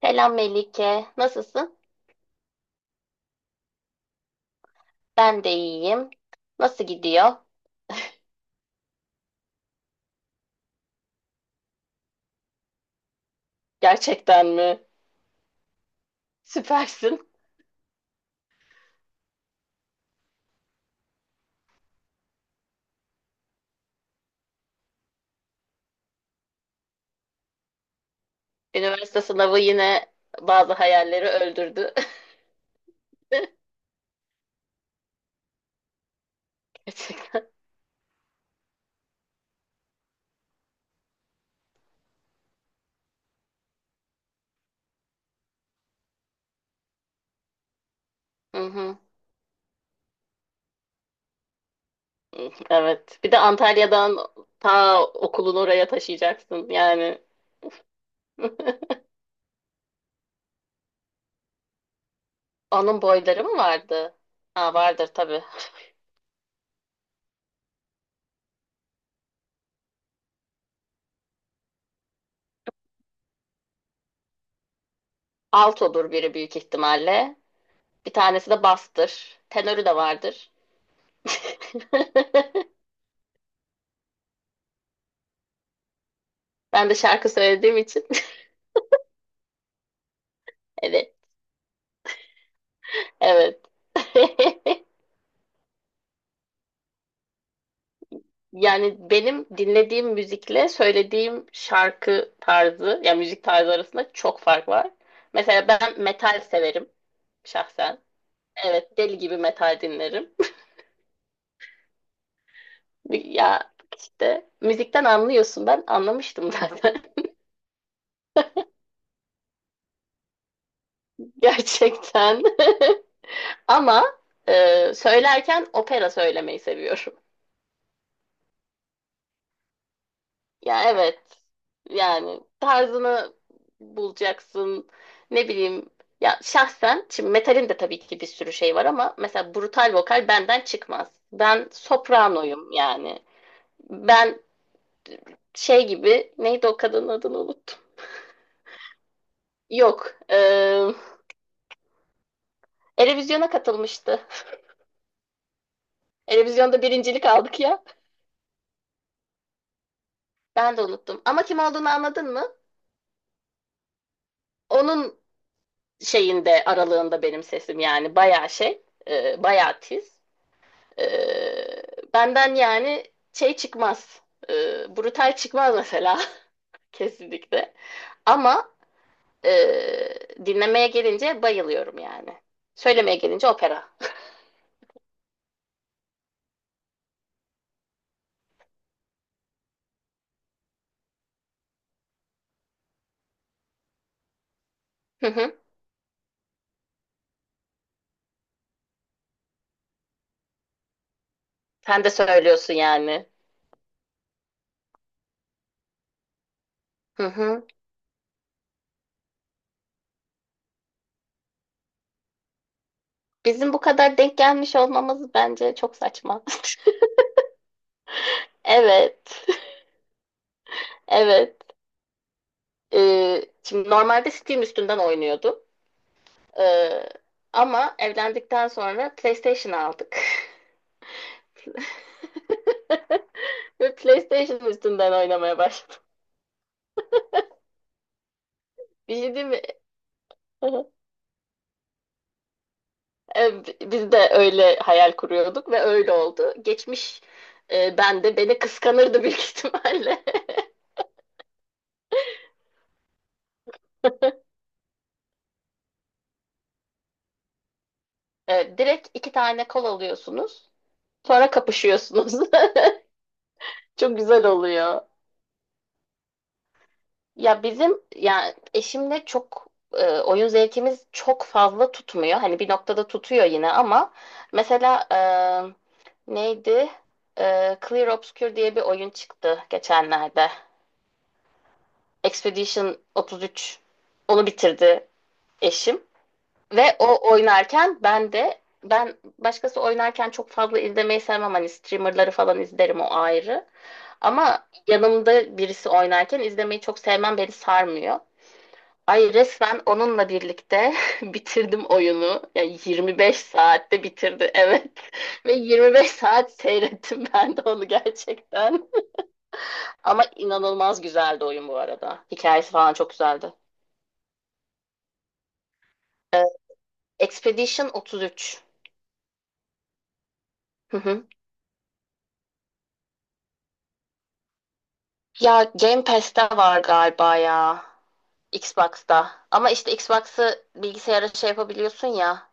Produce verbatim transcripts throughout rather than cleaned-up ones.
Selam Melike. Nasılsın? Ben de iyiyim. Nasıl gidiyor? Gerçekten mi? Süpersin. Üniversite sınavı yine bazı hayalleri öldürdü. Gerçekten. Hı hı. Evet. Bir de Antalya'dan ta okulunu oraya taşıyacaksın yani. Onun boyları mı vardı? Ha vardır tabii. Alt olur biri büyük ihtimalle. Bir tanesi de bastır. Tenörü de vardır. Ben de şarkı söylediğim için. Evet. Evet. Yani benim dinlediğim müzikle söylediğim şarkı tarzı, yani müzik tarzı arasında çok fark var. Mesela ben metal severim şahsen. Evet, deli gibi metal dinlerim. Ya işte müzikten anlıyorsun. Ben anlamıştım zaten. Gerçekten. Ama e, söylerken opera söylemeyi seviyorum. Ya evet. Yani tarzını bulacaksın. Ne bileyim. Ya şahsen şimdi metalin de tabii ki bir sürü şey var ama mesela brutal vokal benden çıkmaz. Ben sopranoyum yani. Ben şey gibi neydi o kadının adını unuttum. Yok. eee Eurovision'a katılmıştı. Eurovision'da birincilik aldık ya. Ben de unuttum. Ama kim olduğunu anladın mı? Onun şeyinde aralığında benim sesim yani bayağı şey, eee bayağı tiz. Ee, Benden yani şey çıkmaz. Ee, brutal çıkmaz mesela. Kesinlikle. Ama e, dinlemeye gelince bayılıyorum yani. Söylemeye gelince opera. Hı hı. Sen de söylüyorsun yani. Hı hı. Bizim bu kadar denk gelmiş olmamız bence çok saçma. Evet. Evet. Ee, şimdi normalde Steam üstünden oynuyordum. Ee, Ama evlendikten sonra PlayStation aldık. Ve PlayStation üstünden oynamaya başladım. Bir şey değil mi? E, Biz de öyle hayal kuruyorduk ve öyle oldu. Geçmiş e, ben de beni kıskanırdı büyük ihtimalle. E, direkt iki tane kol alıyorsunuz. Sonra kapışıyorsunuz. Çok güzel oluyor. Ya bizim yani eşimle çok e, oyun zevkimiz çok fazla tutmuyor. Hani bir noktada tutuyor yine ama mesela e, neydi? E, Clear Obscure diye bir oyun çıktı geçenlerde. Expedition otuz üç onu bitirdi eşim ve o oynarken ben de ben başkası oynarken çok fazla izlemeyi sevmem. Hani streamerları falan izlerim o ayrı. Ama yanımda birisi oynarken izlemeyi çok sevmem, beni sarmıyor. Ay resmen onunla birlikte bitirdim oyunu. Yani yirmi beş saatte bitirdi evet. Ve yirmi beş saat seyrettim ben de onu gerçekten. Ama inanılmaz güzeldi oyun bu arada. Hikayesi falan çok güzeldi. Ee, Expedition otuz üç. Hı hı. Ya Game Pass'te var galiba ya. Xbox'ta. Ama işte Xbox'ı bilgisayara şey yapabiliyorsun ya.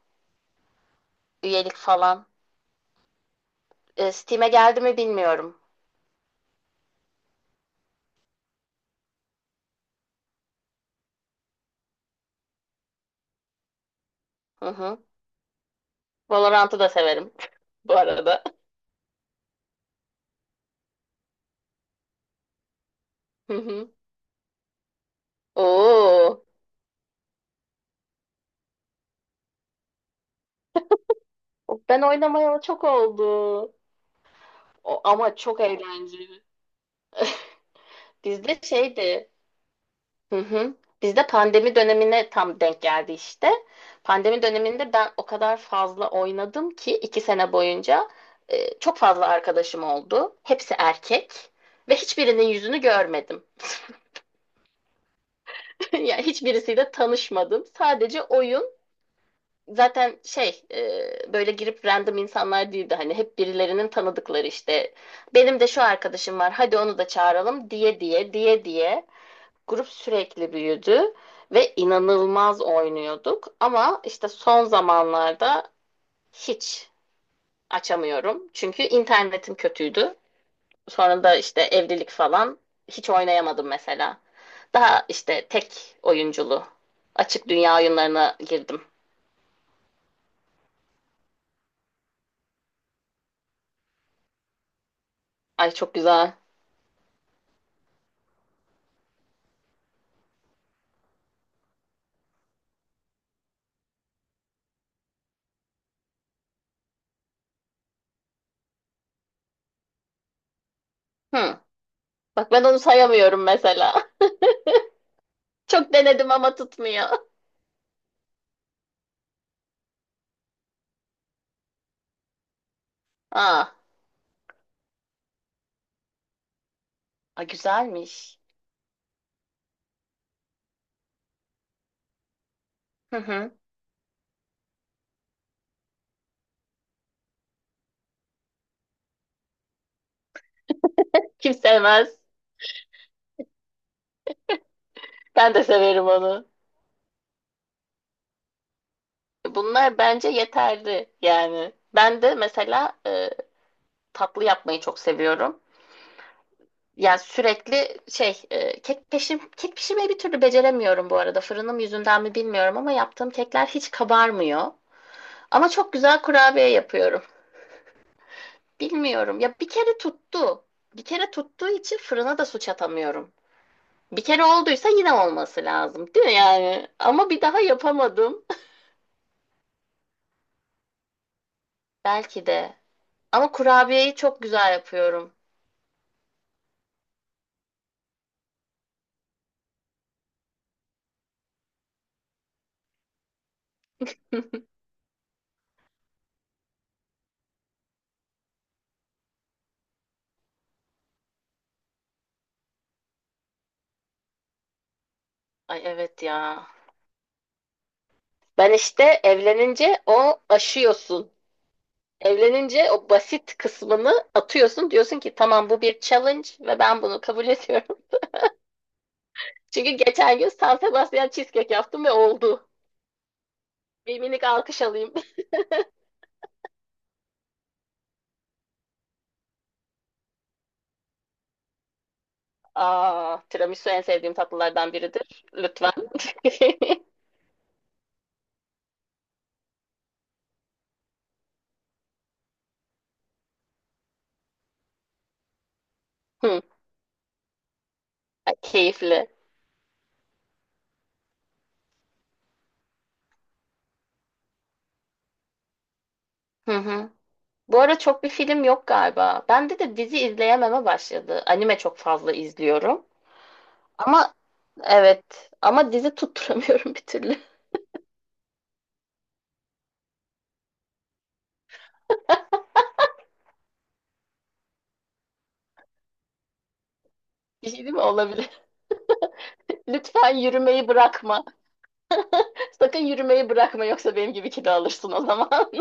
Üyelik falan. Ee, Steam'e geldi mi bilmiyorum. Hı hı. Valorant'ı da severim bu arada. Hı hı. Oo, ben oynamayalı çok oldu. O, ama çok eğlenceli. Bizde şeydi. Hı hı. Bizde pandemi dönemine tam denk geldi işte. Pandemi döneminde ben o kadar fazla oynadım ki iki sene boyunca e, çok fazla arkadaşım oldu. Hepsi erkek ve hiçbirinin yüzünü görmedim. Yani hiçbirisiyle tanışmadım. Sadece oyun. Zaten şey, e, böyle girip random insanlar değildi, hani hep birilerinin tanıdıkları işte, benim de şu arkadaşım var hadi onu da çağıralım diye diye diye diye grup sürekli büyüdü ve inanılmaz oynuyorduk, ama işte son zamanlarda hiç açamıyorum çünkü internetim kötüydü, sonra da işte evlilik falan, hiç oynayamadım mesela, daha işte tek oyunculu açık dünya oyunlarına girdim. Ay çok güzel. Hı. Bak ben onu sayamıyorum mesela. Çok denedim ama tutmuyor. Aa, a, güzelmiş. Hı hı. Kim sevmez? Ben de severim onu. Bunlar bence yeterli yani. Ben de mesela e, tatlı yapmayı çok seviyorum. Yani sürekli şey, e, kek peşim kek pişirmeyi bir türlü beceremiyorum bu arada. Fırınım yüzünden mi bilmiyorum ama yaptığım kekler hiç kabarmıyor. Ama çok güzel kurabiye yapıyorum. Bilmiyorum. Ya bir kere tuttu. Bir kere tuttuğu için fırına da suç atamıyorum. Bir kere olduysa yine olması lazım, değil mi yani? Ama bir daha yapamadım. Belki de. Ama kurabiyeyi çok güzel yapıyorum. Ay evet ya. Ben işte evlenince o aşıyorsun. Evlenince o basit kısmını atıyorsun. Diyorsun ki tamam, bu bir challenge ve ben bunu kabul ediyorum. Çünkü geçen gün San Sebastian cheesecake yaptım ve oldu. Bir minik alkış alayım. Aa, tiramisu en sevdiğim tatlılardan biridir. Lütfen. Hı, ay, keyifli. Hı hı. Bu ara çok bir film yok galiba. Bende de dizi izleyememe başladı. Anime çok fazla izliyorum. Ama evet, ama dizi tutturamıyorum bir türlü. Bir şey değil mi? Olabilir. Lütfen yürümeyi bırakma. Sakın yürümeyi bırakma yoksa benim gibi kilo alırsın o zaman.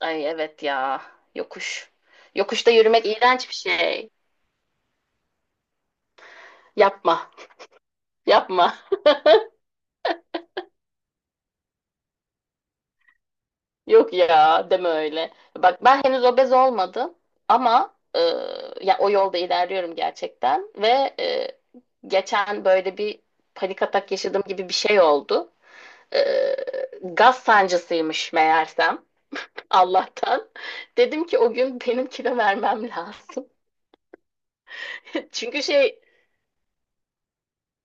Ay evet ya. Yokuş. Yokuşta yürümek iğrenç bir şey. Yapma. Yapma. Yok ya, deme öyle. Bak ben henüz obez olmadım ama e, ya o yolda ilerliyorum gerçekten ve e, geçen böyle bir panik atak yaşadığım gibi bir şey oldu. E, Gaz sancısıymış meğersem, Allah'tan. Dedim ki o gün benim kilo vermem lazım. Çünkü şey,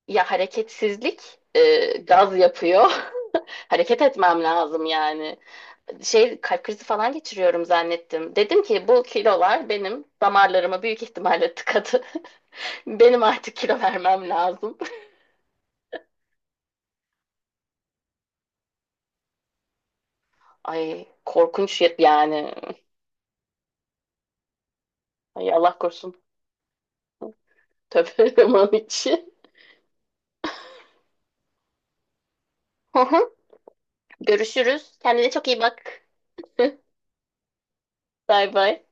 ya hareketsizlik e, gaz yapıyor. Hareket etmem lazım yani. Şey, kalp krizi falan geçiriyorum zannettim. Dedim ki bu kilolar benim damarlarıma büyük ihtimalle tıkadı. Benim artık kilo vermem lazım. Ay korkunç ya- yani. Ay Allah korusun. Tövbe aman içi. Görüşürüz. Kendine çok iyi bak. Bay bay.